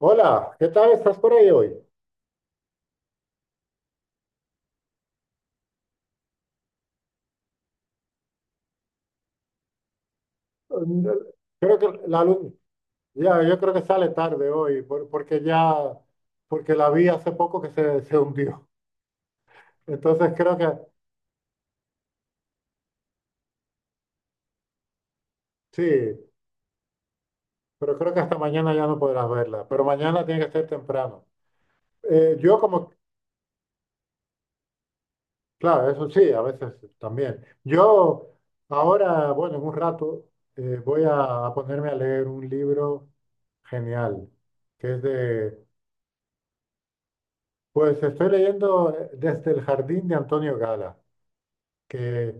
Hola, ¿qué tal? ¿Estás por ahí hoy? Mm. Creo que la luz, ya, yo creo que sale tarde hoy, porque la vi hace poco que se hundió. Entonces creo que, sí, pero creo que hasta mañana ya no podrás verla, pero mañana tiene que ser temprano. Yo como, claro, eso sí, a veces también. Yo ahora, bueno, en un rato voy a ponerme a leer un libro genial, que es de. Pues estoy leyendo desde el jardín de Antonio Gala, que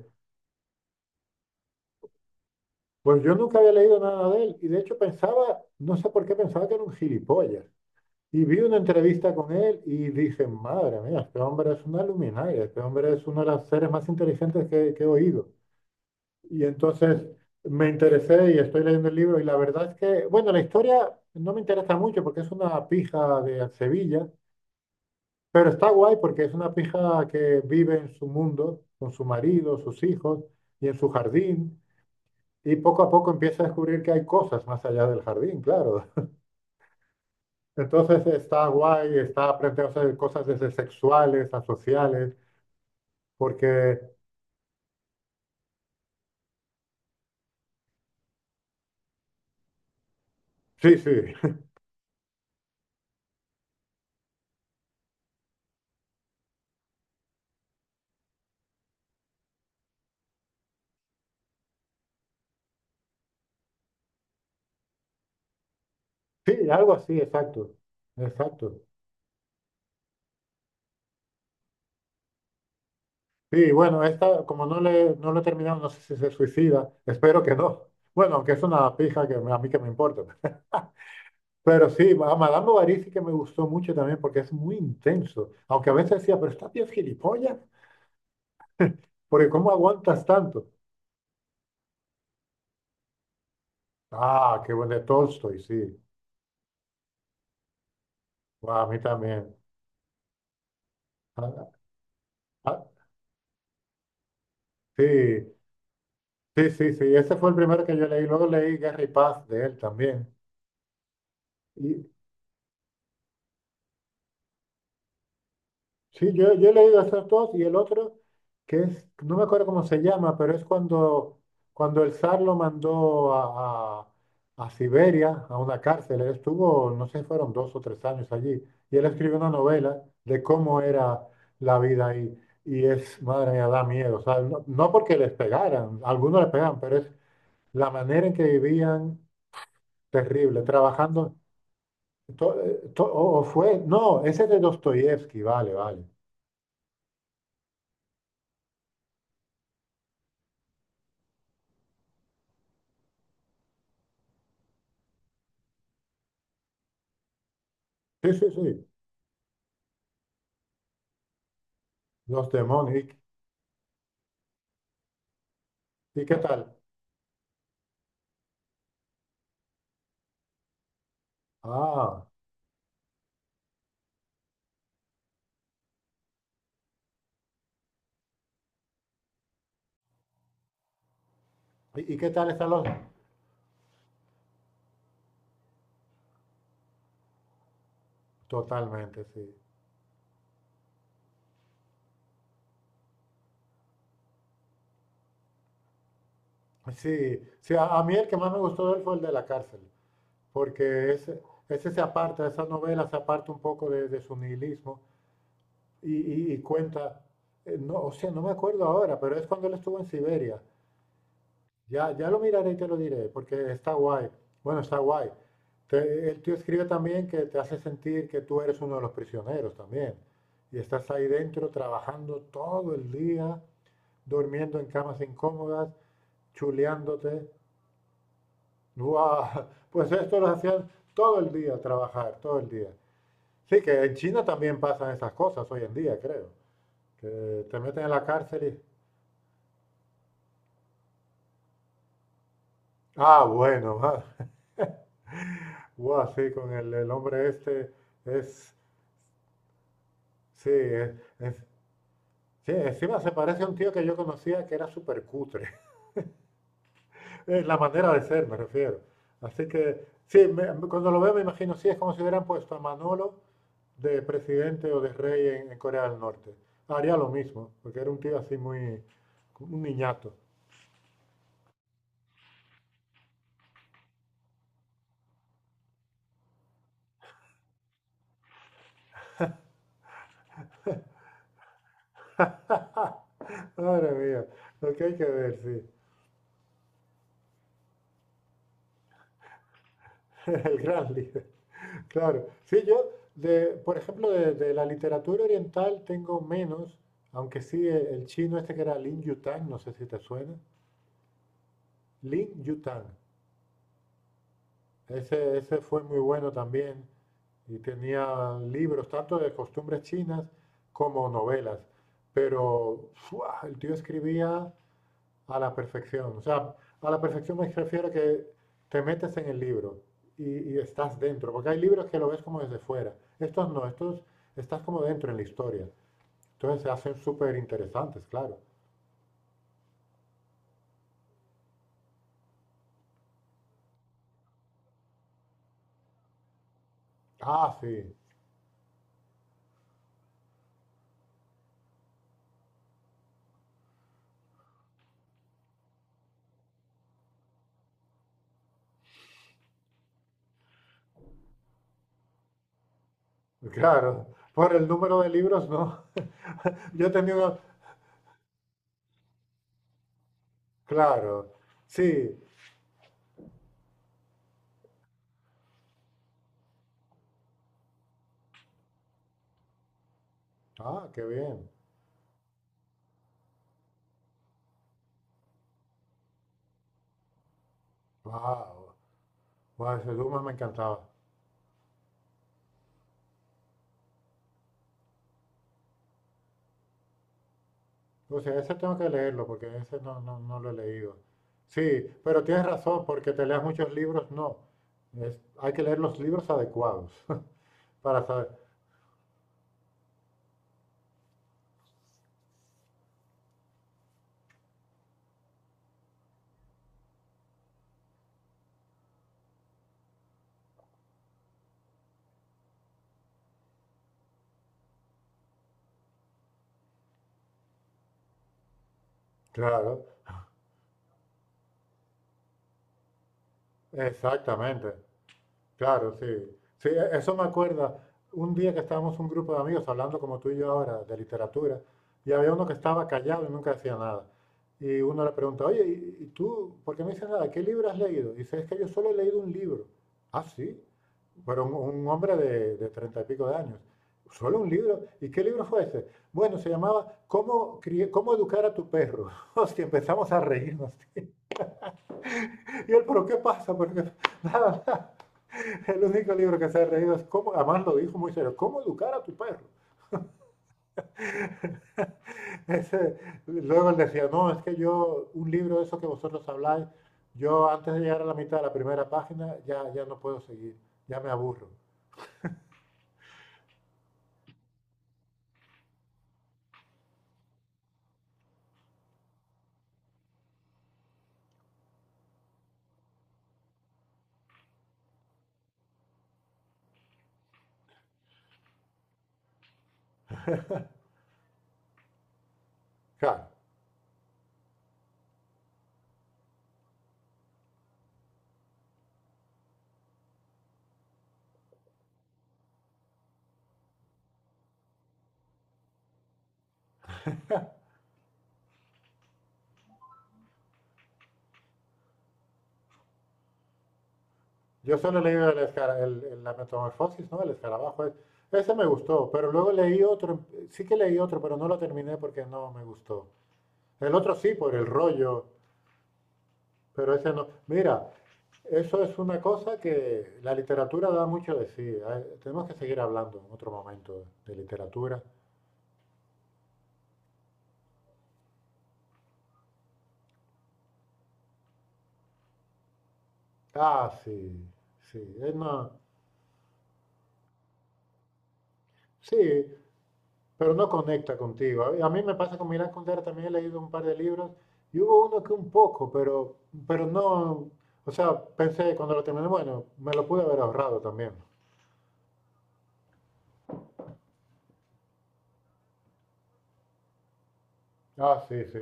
pues yo nunca había leído nada de él y de hecho pensaba, no sé por qué pensaba que era un gilipollas. Y vi una entrevista con él y dije, madre mía, este hombre es una luminaria, este hombre es uno de los seres más inteligentes que he oído. Y entonces me interesé y estoy leyendo el libro y la verdad es que, bueno, la historia no me interesa mucho porque es una pija de Sevilla. Pero está guay porque es una pija que vive en su mundo, con su marido, sus hijos y en su jardín, y poco a poco empieza a descubrir que hay cosas más allá del jardín, claro. Entonces está guay, está aprendiendo a hacer cosas desde sexuales a sociales, porque sí, sí, sí, algo así, exacto, exacto. Sí, bueno, esta, como no lo he terminado, no sé si se suicida, espero que no. Bueno, aunque es una pija a mí que me importa. Pero sí, a Madame Bovary sí que me gustó mucho también porque es muy intenso. Aunque a veces decía, pero estás bien gilipollas, porque ¿cómo aguantas tanto? Ah, qué bueno de Tolstoy, sí. Guau, a mí también. Ah, ah, sí, sí, sí, sí. Ese fue el primero que yo leí. Luego leí Guerra y Paz de él también. Y, sí, yo he leído esos dos y el otro, que es, no me acuerdo cómo se llama, pero es cuando el zar lo mandó a Siberia, a una cárcel. Él estuvo, no sé, fueron 2 o 3 años allí. Y él escribió una novela de cómo era la vida ahí. Y es, madre mía, da miedo. O sea, no, no porque les pegaran, algunos les pegaban, pero es la manera en que vivían terrible, trabajando. No, ese es de Dostoyevsky, vale, vale. Sí, sí, sí. Los demonios. ¿Y qué tal? Ah, ¿y qué tal están los? Totalmente, sí. Sí, sí, a mí el que más me gustó de él fue el de la cárcel, porque ese se aparta, esa novela se aparta un poco de su nihilismo y, y cuenta, no, o sea, no me acuerdo ahora, pero es cuando él estuvo en Siberia. Ya, ya lo miraré y te lo diré, porque está guay. Bueno, está guay. El tío escribe también que te hace sentir que tú eres uno de los prisioneros también. Y estás ahí dentro trabajando todo el día, durmiendo en camas incómodas, chuleándote. Guau. Pues esto lo hacían todo el día, trabajar, todo el día. Sí, que en China también pasan esas cosas hoy en día, creo. Que te meten en la cárcel y. Ah, bueno, guau, sí, con el hombre este es. Sí, sí, encima se parece a un tío que yo conocía que era súper cutre. La manera de ser, me refiero. Así que, sí, cuando lo veo me imagino, sí, es como si hubieran puesto a Manolo de presidente o de rey en Corea del Norte. Haría lo mismo, porque era un tío así muy, un niñato. Madre mía, lo que hay que ver, sí. El gran líder. Claro, sí, yo, de, por ejemplo, de la literatura oriental tengo menos, aunque sí, el chino este que era Lin Yutang, no sé si te suena, Lin Yutang, ese fue muy bueno también y tenía libros tanto de costumbres chinas como novelas, pero ¡fua! El tío escribía a la perfección. O sea, a la perfección me refiero a que te metes en el libro y estás dentro, porque hay libros que lo ves como desde fuera. Estos no, estos estás como dentro en la historia. Entonces se hacen súper interesantes, claro. Ah, sí, claro. Por el número de libros, no. Yo he tenido, claro, sí. Ah, qué bien. Wow. Wow, ese Dumas me encantaba. O sea, ese tengo que leerlo porque ese no, no, no lo he leído. Sí, pero tienes razón, porque te leas muchos libros, no. Hay que leer los libros adecuados para saber. Claro, exactamente. Claro, sí. Sí, eso me acuerda. Un día que estábamos un grupo de amigos hablando como tú y yo ahora de literatura, y había uno que estaba callado y nunca decía nada. Y uno le pregunta, oye, ¿y tú por qué no dices nada? ¿Qué libro has leído? Y dice, es que yo solo he leído un libro. Ah, sí. Pero un hombre de 30 y pico de años. ¿Solo un libro? ¿Y qué libro fue ese? Bueno, se llamaba ¿Cómo educar a tu perro? Hostia, empezamos a reírnos. Y él, ¿pero qué pasa? Porque nada, nada. El único libro que se ha reído es cómo, además lo dijo muy serio, cómo educar a tu perro. Ese- luego él decía, no, es que yo, un libro de eso que vosotros habláis, yo antes de llegar a la mitad de la primera página ya, ya no puedo seguir, ya me aburro. Claro, yo solo he leído el escara- el- la metamorfosis, ¿no? El escarabajo. Ese me gustó, pero luego leí otro, sí que leí otro, pero no lo terminé porque no me gustó. El otro sí, por el rollo. Pero ese no. Mira, eso es una cosa que la literatura da mucho de sí. Tenemos que seguir hablando en otro momento de literatura. Ah, sí, sí. Sí, pero no conecta contigo. A mí me pasa con Milán Kundera, también he leído un par de libros y hubo uno que un poco, pero no. O sea, pensé cuando lo terminé, bueno, me lo pude haber ahorrado también. Ah, sí, sí.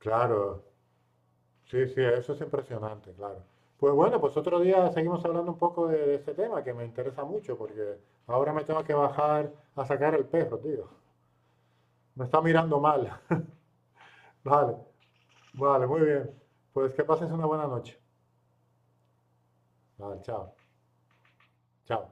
Claro, sí, sí, eso es impresionante, claro. Pues bueno, pues otro día seguimos hablando un poco de este tema que me interesa mucho porque ahora me tengo que bajar a sacar el perro, tío. Me está mirando mal. Vale, vale, muy bien. Pues que pases una buena noche. Vale, chao, chao.